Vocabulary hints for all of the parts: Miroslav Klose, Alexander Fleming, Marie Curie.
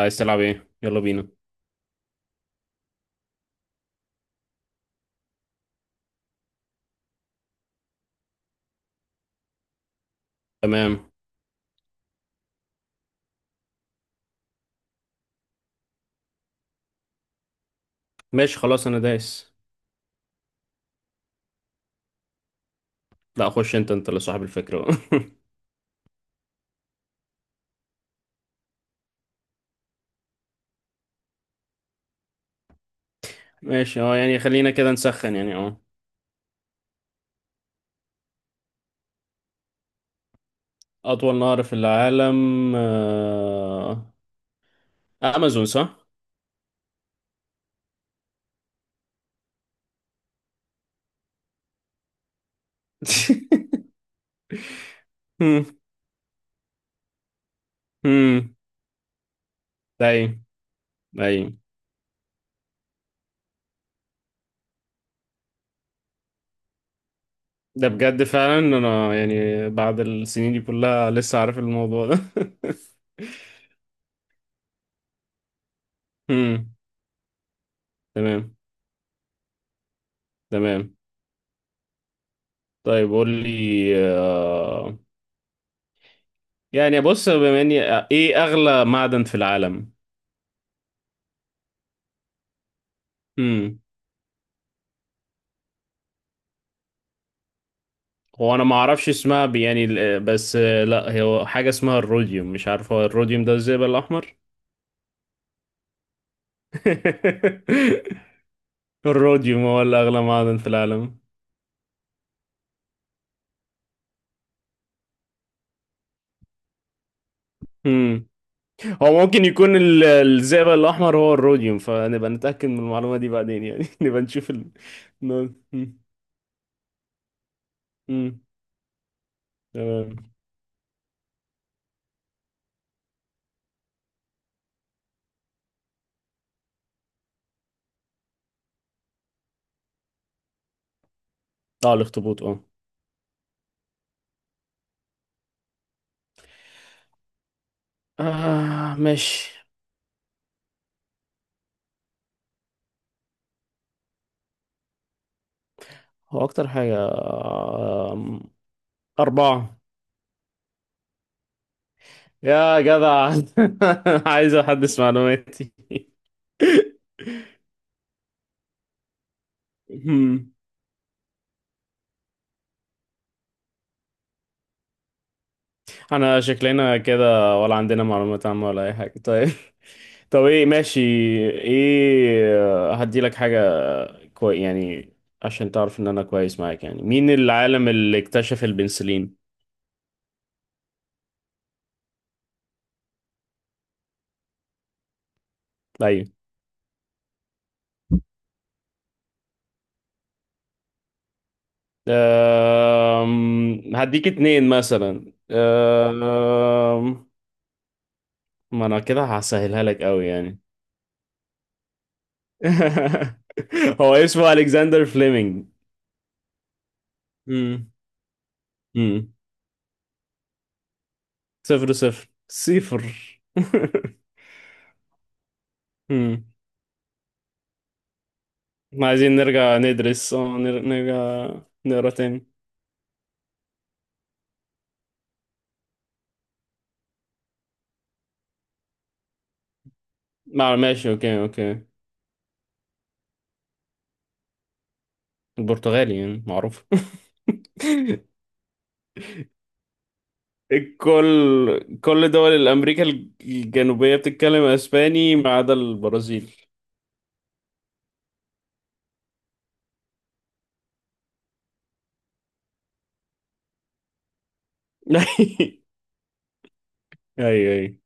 عايز تلعب ايه؟ يلا بينا. تمام. ماشي، خلاص، انا دايس. لا، خش انت، انت اللي صاحب الفكرة. ماشي، اه يعني خلينا كده نسخن يعني اه. اطول نهر في العالم، آه... امازون، صح؟ هم، هم. ده ايه؟ ده ايه؟ ده بجد فعلا، انا يعني بعد السنين دي كلها لسه عارف الموضوع ده. هم، تمام، تمام. طيب، قول لي. آه... يعني بص، بما اني، ايه اغلى معدن في العالم؟ امم هو انا ما اعرفش اسمها يعني بس، لا، هي حاجه اسمها الروديوم، مش عارف هو الروديوم ده الزئبق الاحمر؟ الروديوم هو الاغلى معدن في العالم. امم هو ممكن يكون الزئبق الاحمر هو الروديوم، فنبقى نتاكد من المعلومه دي بعدين يعني. نبقى نشوف مم. مم. تمام. اه، الاخطبوط، اه. آه، ماشي. هو اكتر حاجه، 4. يا جدع. عايز احدث معلوماتي. مم. انا شكلنا كده، ولا عندنا معلومات عامة ولا اي حاجة، طيب. طب ايه، ماشي. ايه، هدي لك حاجة كوي يعني، عشان تعرف ان انا كويس معاك، يعني مين العالم اللي اكتشف البنسلين؟ ايوه. هديك 2 مثلا. ما انا كده هسهلها لك قوي يعني. هو اسمه الكسندر فليمنج. امم امم صفر صفر صفر. امم ما عايزين نرجع ندرس، نرجع نقرا تاني. ماشي، اوكي، اوكي. البرتغالي يعني معروف. كل دول الامريكا الجنوبيه بتتكلم اسباني ما عدا البرازيل. ايوه، ايوه.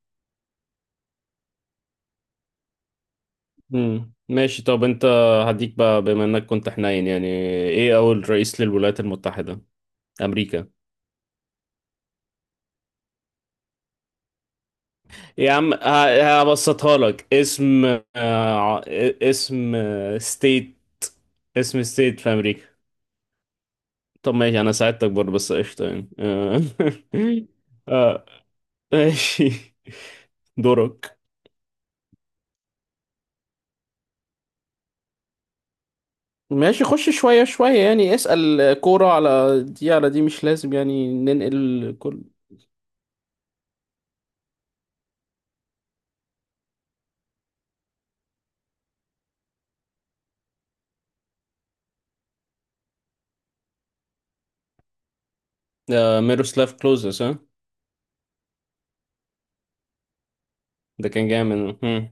ماشي، طب انت. هديك بقى، بما انك كنت حنين يعني. ايه اول رئيس للولايات المتحده امريكا؟ يا عم، هبسطها لك. اسم، آه، اسم ستيت. اسم ستيت في امريكا. طب ماشي، انا ساعدتك برضه، بس قشطه يعني آه، ماشي، دورك. ماشي، خش شوية شوية يعني اسأل كورة، على دي، على دي مش لازم يعني ننقل كل. آه، ميروسلاف كلوزس، ها. ده كان جامد. هم.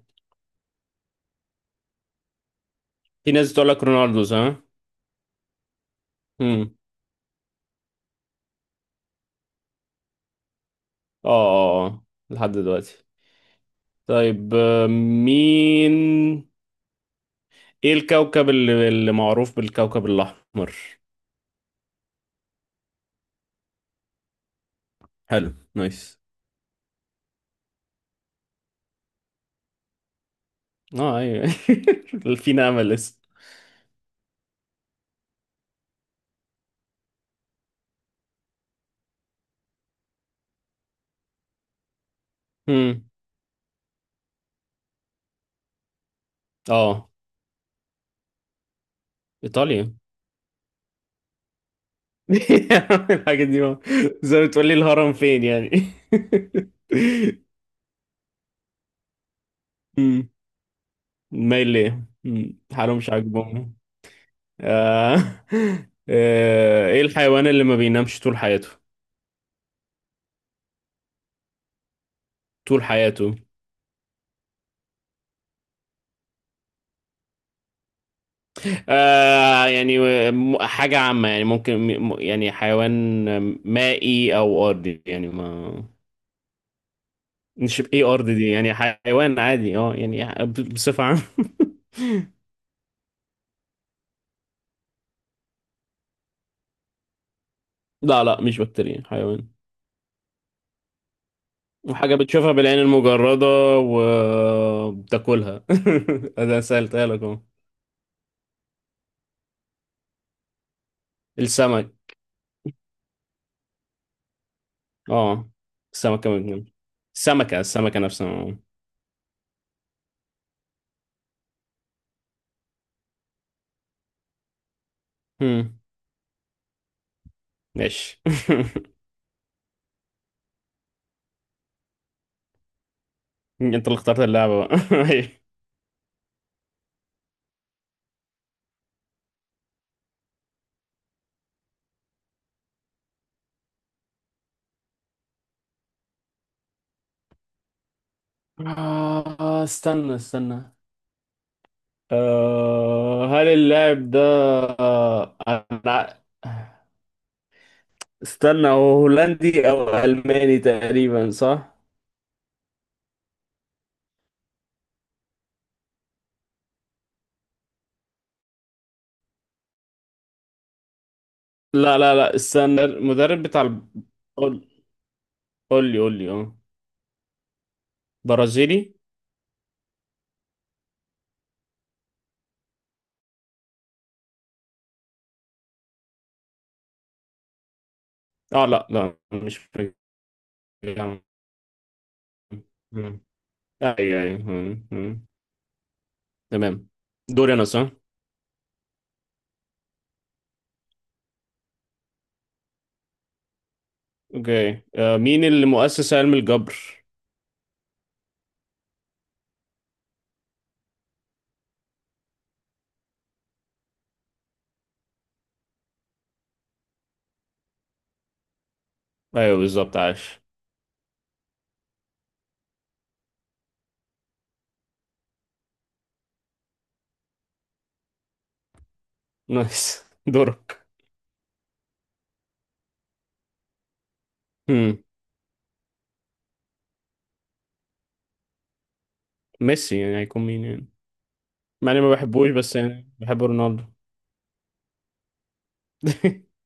في ناس بتقول لك رونالدو، ها. هم. اه، لحد دلوقتي. طيب، آه، مين ايه الكوكب اللي معروف بالكوكب الأحمر؟ حلو، نايس. اه، ايوه. في نعمة لسه. مم. اه، ايطاليا. الحاجة دي زي ما تقول لي الهرم فين يعني. مم. مايل ليه؟ حاله مش عاجبهم. آه. آه. ايه الحيوان اللي ما بينامش طول حياته؟ طول حياته. آه يعني، حاجة عامة، يعني ممكن، يعني حيوان مائي أو أرضي يعني، ما مش إيه، أرض دي يعني حيوان عادي، أه يعني بصفة عامة. لا لا، مش بكتيريا، حيوان. وحاجة بتشوفها بالعين المجردة، وبتاكلها. أنا سألتها لك أهو. السمك. أه. السمكة مجنون. السمكة، السمكة نفسها، أه. هم، ماشي. أنت اللي اخترت اللعبة بقى. آه، استنى، استنى. آه، هل اللاعب ده. آه، أنا. استنى، هو هولندي أو ألماني تقريبا، صح؟ لا لا لا، استنى، المدرب بتاع قول، قول لي، قول لي، اه. برازيلي؟ اه، لا لا، مش. بيجامل. مم. ايوه، ايوه، مم، مم. تمام. دوري انا، صح؟ اوكي، مين اللي مؤسس علم الجبر؟ ايوه، بالظبط، عاش. نايس. دورك. مم. ميسي يعني، هيكون مين يعني. مع اني ما بحبوش، بس يعني بحب رونالدو.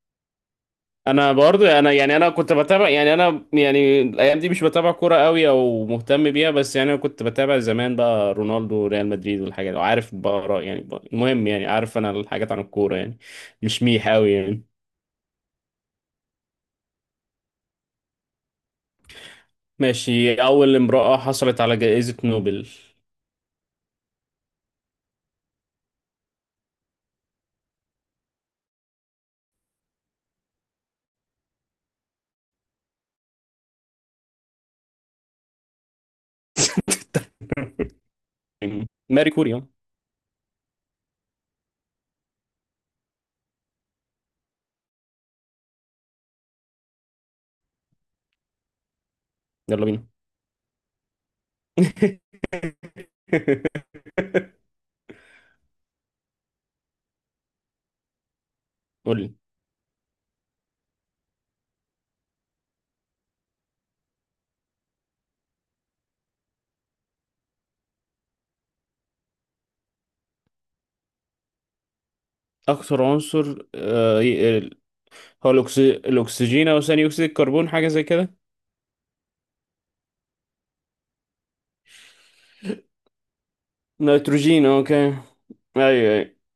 انا برضه، انا يعني انا كنت بتابع يعني، انا يعني الايام دي مش بتابع كوره قوي او مهتم بيها، بس يعني انا كنت بتابع زمان بقى رونالدو وريال مدريد والحاجات دي، وعارف بقى يعني، بقى المهم يعني، عارف انا الحاجات عن الكوره يعني. مش ميح قوي يعني. ماشي، اول امراه حصلت على جائزه نوبل؟ ماري كوري، آه. يلا بينا. قول لي. اكثر عنصر، هو الأكسجين أو ثاني أكسيد الكربون، حاجة زي كده. نيتروجين، أوكي. أيوه، أيوه.